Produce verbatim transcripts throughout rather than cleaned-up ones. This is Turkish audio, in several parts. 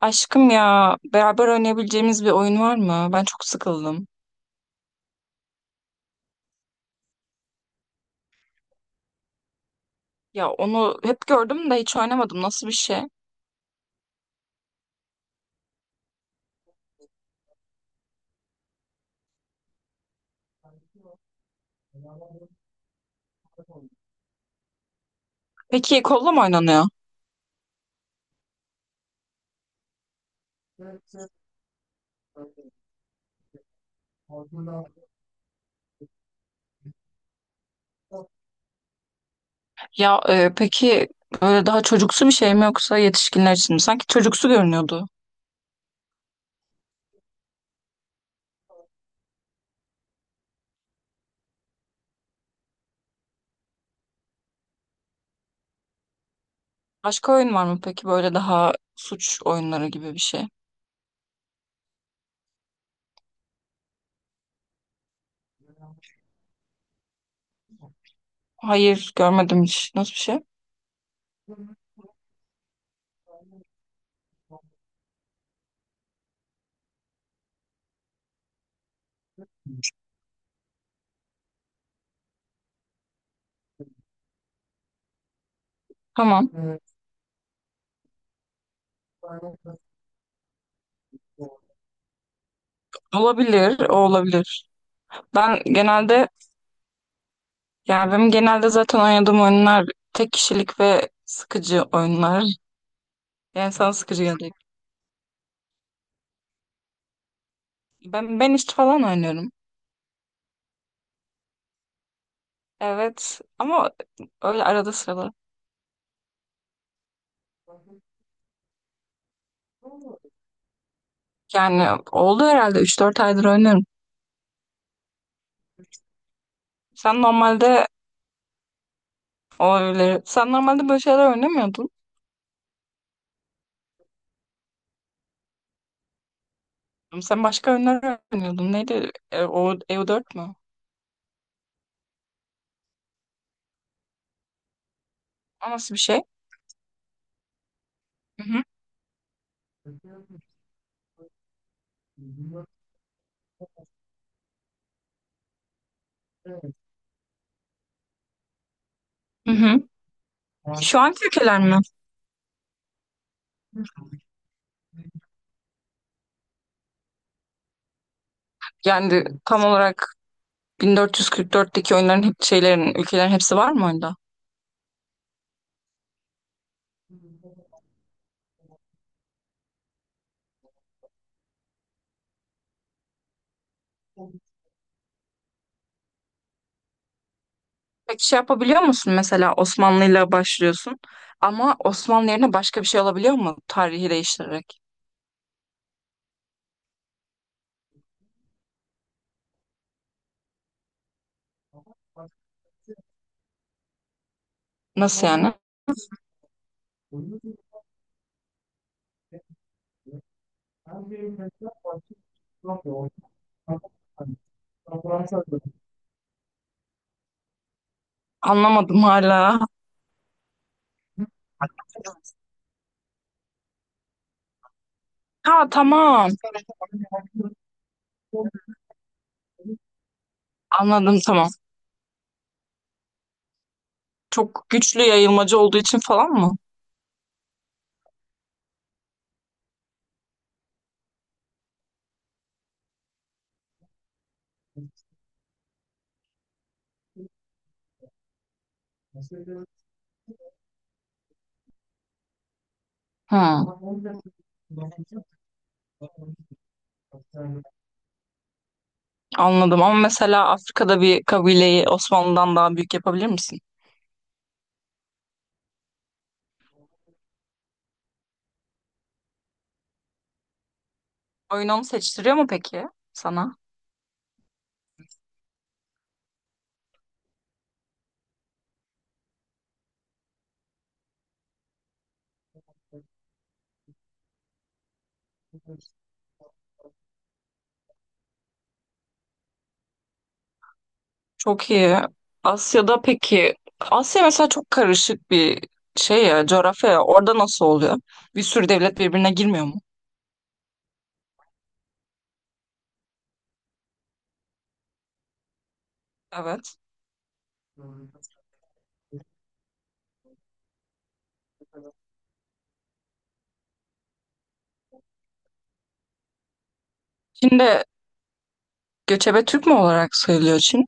Aşkım ya beraber oynayabileceğimiz bir oyun var mı? Ben çok sıkıldım. Ya onu hep gördüm de hiç oynamadım. Nasıl bir şey? Peki kolla mı oynanıyor? Ya e, peki böyle daha çocuksu bir şey mi yoksa yetişkinler için mi? Sanki çocuksu görünüyordu. Başka oyun var mı peki böyle daha suç oyunları gibi bir şey? Hayır, görmedim hiç. Nasıl bir şey? Tamam. Hmm. Olabilir, o olabilir. Ben genelde yani benim genelde zaten oynadığım oyunlar tek kişilik ve sıkıcı oyunlar. Yani sana sıkıcı geldi. Ben ben işte falan oynuyorum. Evet ama öyle arada sırada. Yani oldu herhalde üç dört aydır oynuyorum. Sen normalde o öyle, Sen normalde böyle şeyler oynamıyordun. Sen başka oyunlar oynuyordun. Neydi? E, o E U dört mü? O nasıl bir şey? Hı hı. Hı hı. Şu anki ülkeler mi? Yani tam olarak bin dört yüz kırk dörtteki oyunların hep şeylerin ülkelerin hepsi var mı? Peki şey yapabiliyor musun, mesela Osmanlı'yla başlıyorsun ama Osmanlı yerine başka bir şey olabiliyor mu tarihi değiştirerek? Nasıl yani? Anlamadım hala. Ha tamam, anladım tamam. Çok güçlü yayılmacı olduğu için falan mı? Hı, anladım ama mesela Afrika'da bir kabileyi Osmanlı'dan daha büyük yapabilir misin? Oyun onu seçtiriyor mu peki sana? Çok iyi. Asya'da peki, Asya mesela çok karışık bir şey ya, coğrafya ya. Orada nasıl oluyor? Bir sürü devlet birbirine girmiyor mu? Evet. Çin'de göçebe Türk mü olarak sayılıyor Çin?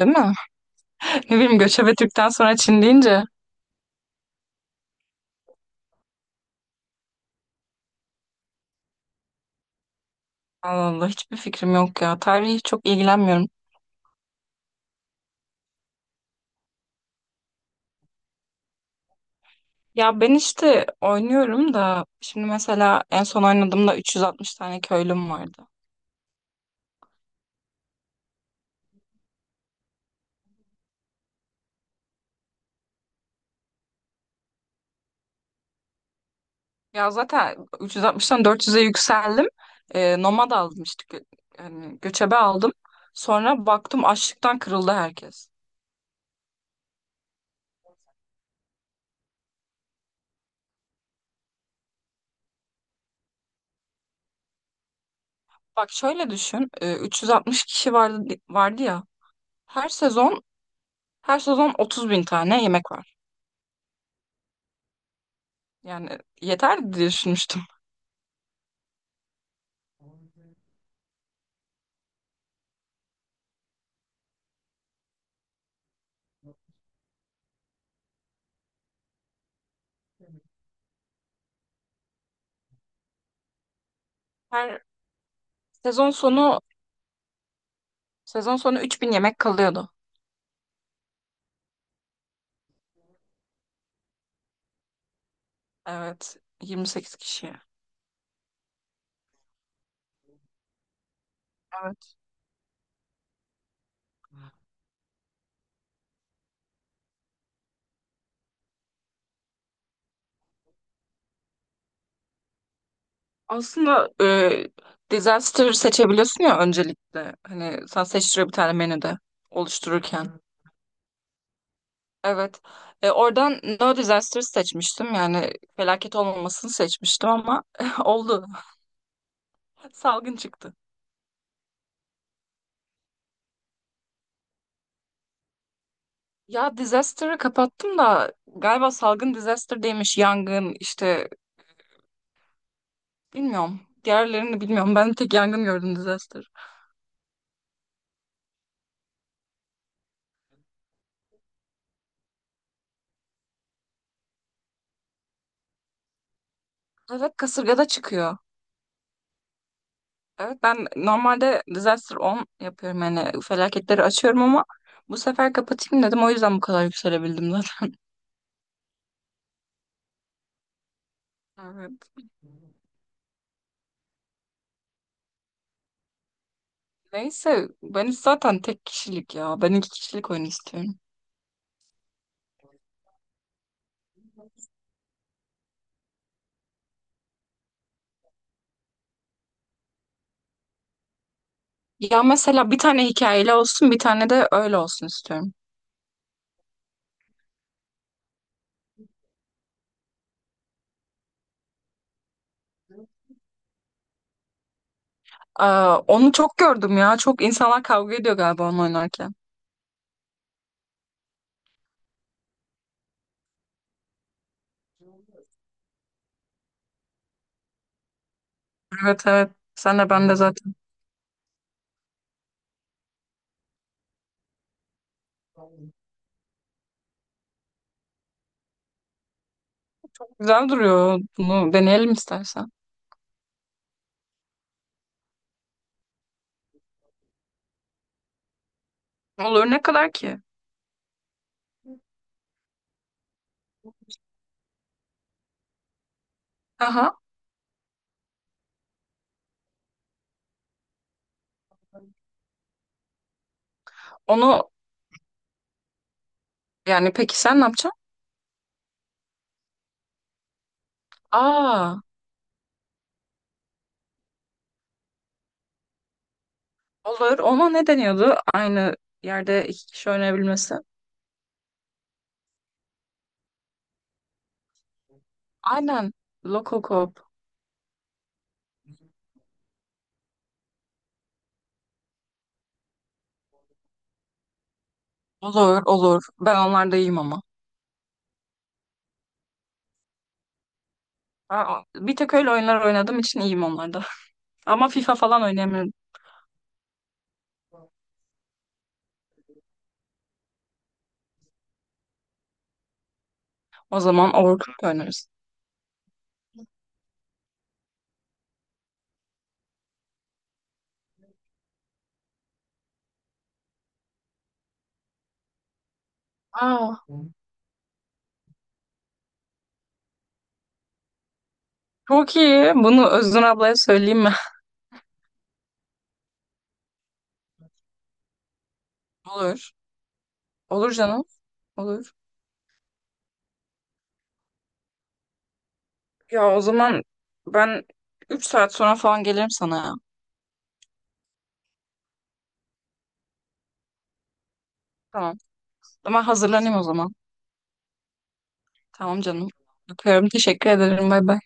Değil mi? Ne bileyim, göçebe Türk'ten sonra Çin deyince. Allah Allah, hiçbir fikrim yok ya. Tarihi çok ilgilenmiyorum. Ya ben işte oynuyorum da, şimdi mesela en son oynadığımda üç yüz altmış tane köylüm vardı. Ya zaten üç yüz altmıştan dört yüze yükseldim. Ee, nomad aldım işte gö- yani göçebe aldım. Sonra baktım açlıktan kırıldı herkes. Bak şöyle düşün. e, üç yüz altmış kişi vardı vardı ya. Her sezon Her sezon otuz bin tane yemek var. Yani yeter diye düşünmüştüm. Her sezon sonu sezon sonu üç bin yemek kalıyordu. Evet, yirmi sekiz kişiye. Evet. Aslında e, disaster seçebiliyorsun ya öncelikle. Hani sen seçtiriyor bir tane menüde oluştururken. Evet. E, oradan no disaster seçmiştim. Yani felaket olmamasını seçmiştim ama oldu. Salgın çıktı. Ya disaster'ı kapattım da galiba salgın disaster değilmiş. Yangın, işte bilmiyorum. Diğerlerini bilmiyorum. Ben tek yangın gördüm disaster. Evet kasırgada çıkıyor. Evet, ben normalde disaster on yapıyorum, yani felaketleri açıyorum ama bu sefer kapatayım dedim, o yüzden bu kadar yükselebildim zaten. Evet. Neyse ben zaten tek kişilik ya. Ben iki kişilik oyun istiyorum. Ya mesela bir tane hikayeli olsun, bir tane de öyle olsun istiyorum. Aa, onu çok gördüm ya. Çok insanlar kavga ediyor galiba onu oynarken. Evet evet. Sen de ben de zaten. Güzel duruyor. Bunu deneyelim istersen. Olur, ne kadar ki? Aha. Onu yani peki sen ne yapacaksın? Aa, olur. Ona ne deniyordu? Aynı yerde iki kişi oynayabilmesi. Aynen. Lokokop. Olur, olur. Ben onlarda iyiyim ama. Aa, bir tek öyle oyunlar oynadığım için iyiyim onlarda. Ama FIFA falan oynayamıyorum. O zaman Overcooked oynarız. Aa, çok iyi. Bunu Özgün ablaya söyleyeyim mi? Olur. Olur canım. Olur. Ya o zaman ben üç saat sonra falan gelirim sana ya. Tamam. Ama hazırlanayım o zaman. Tamam canım. Öpüyorum. Teşekkür ederim. Bay bay.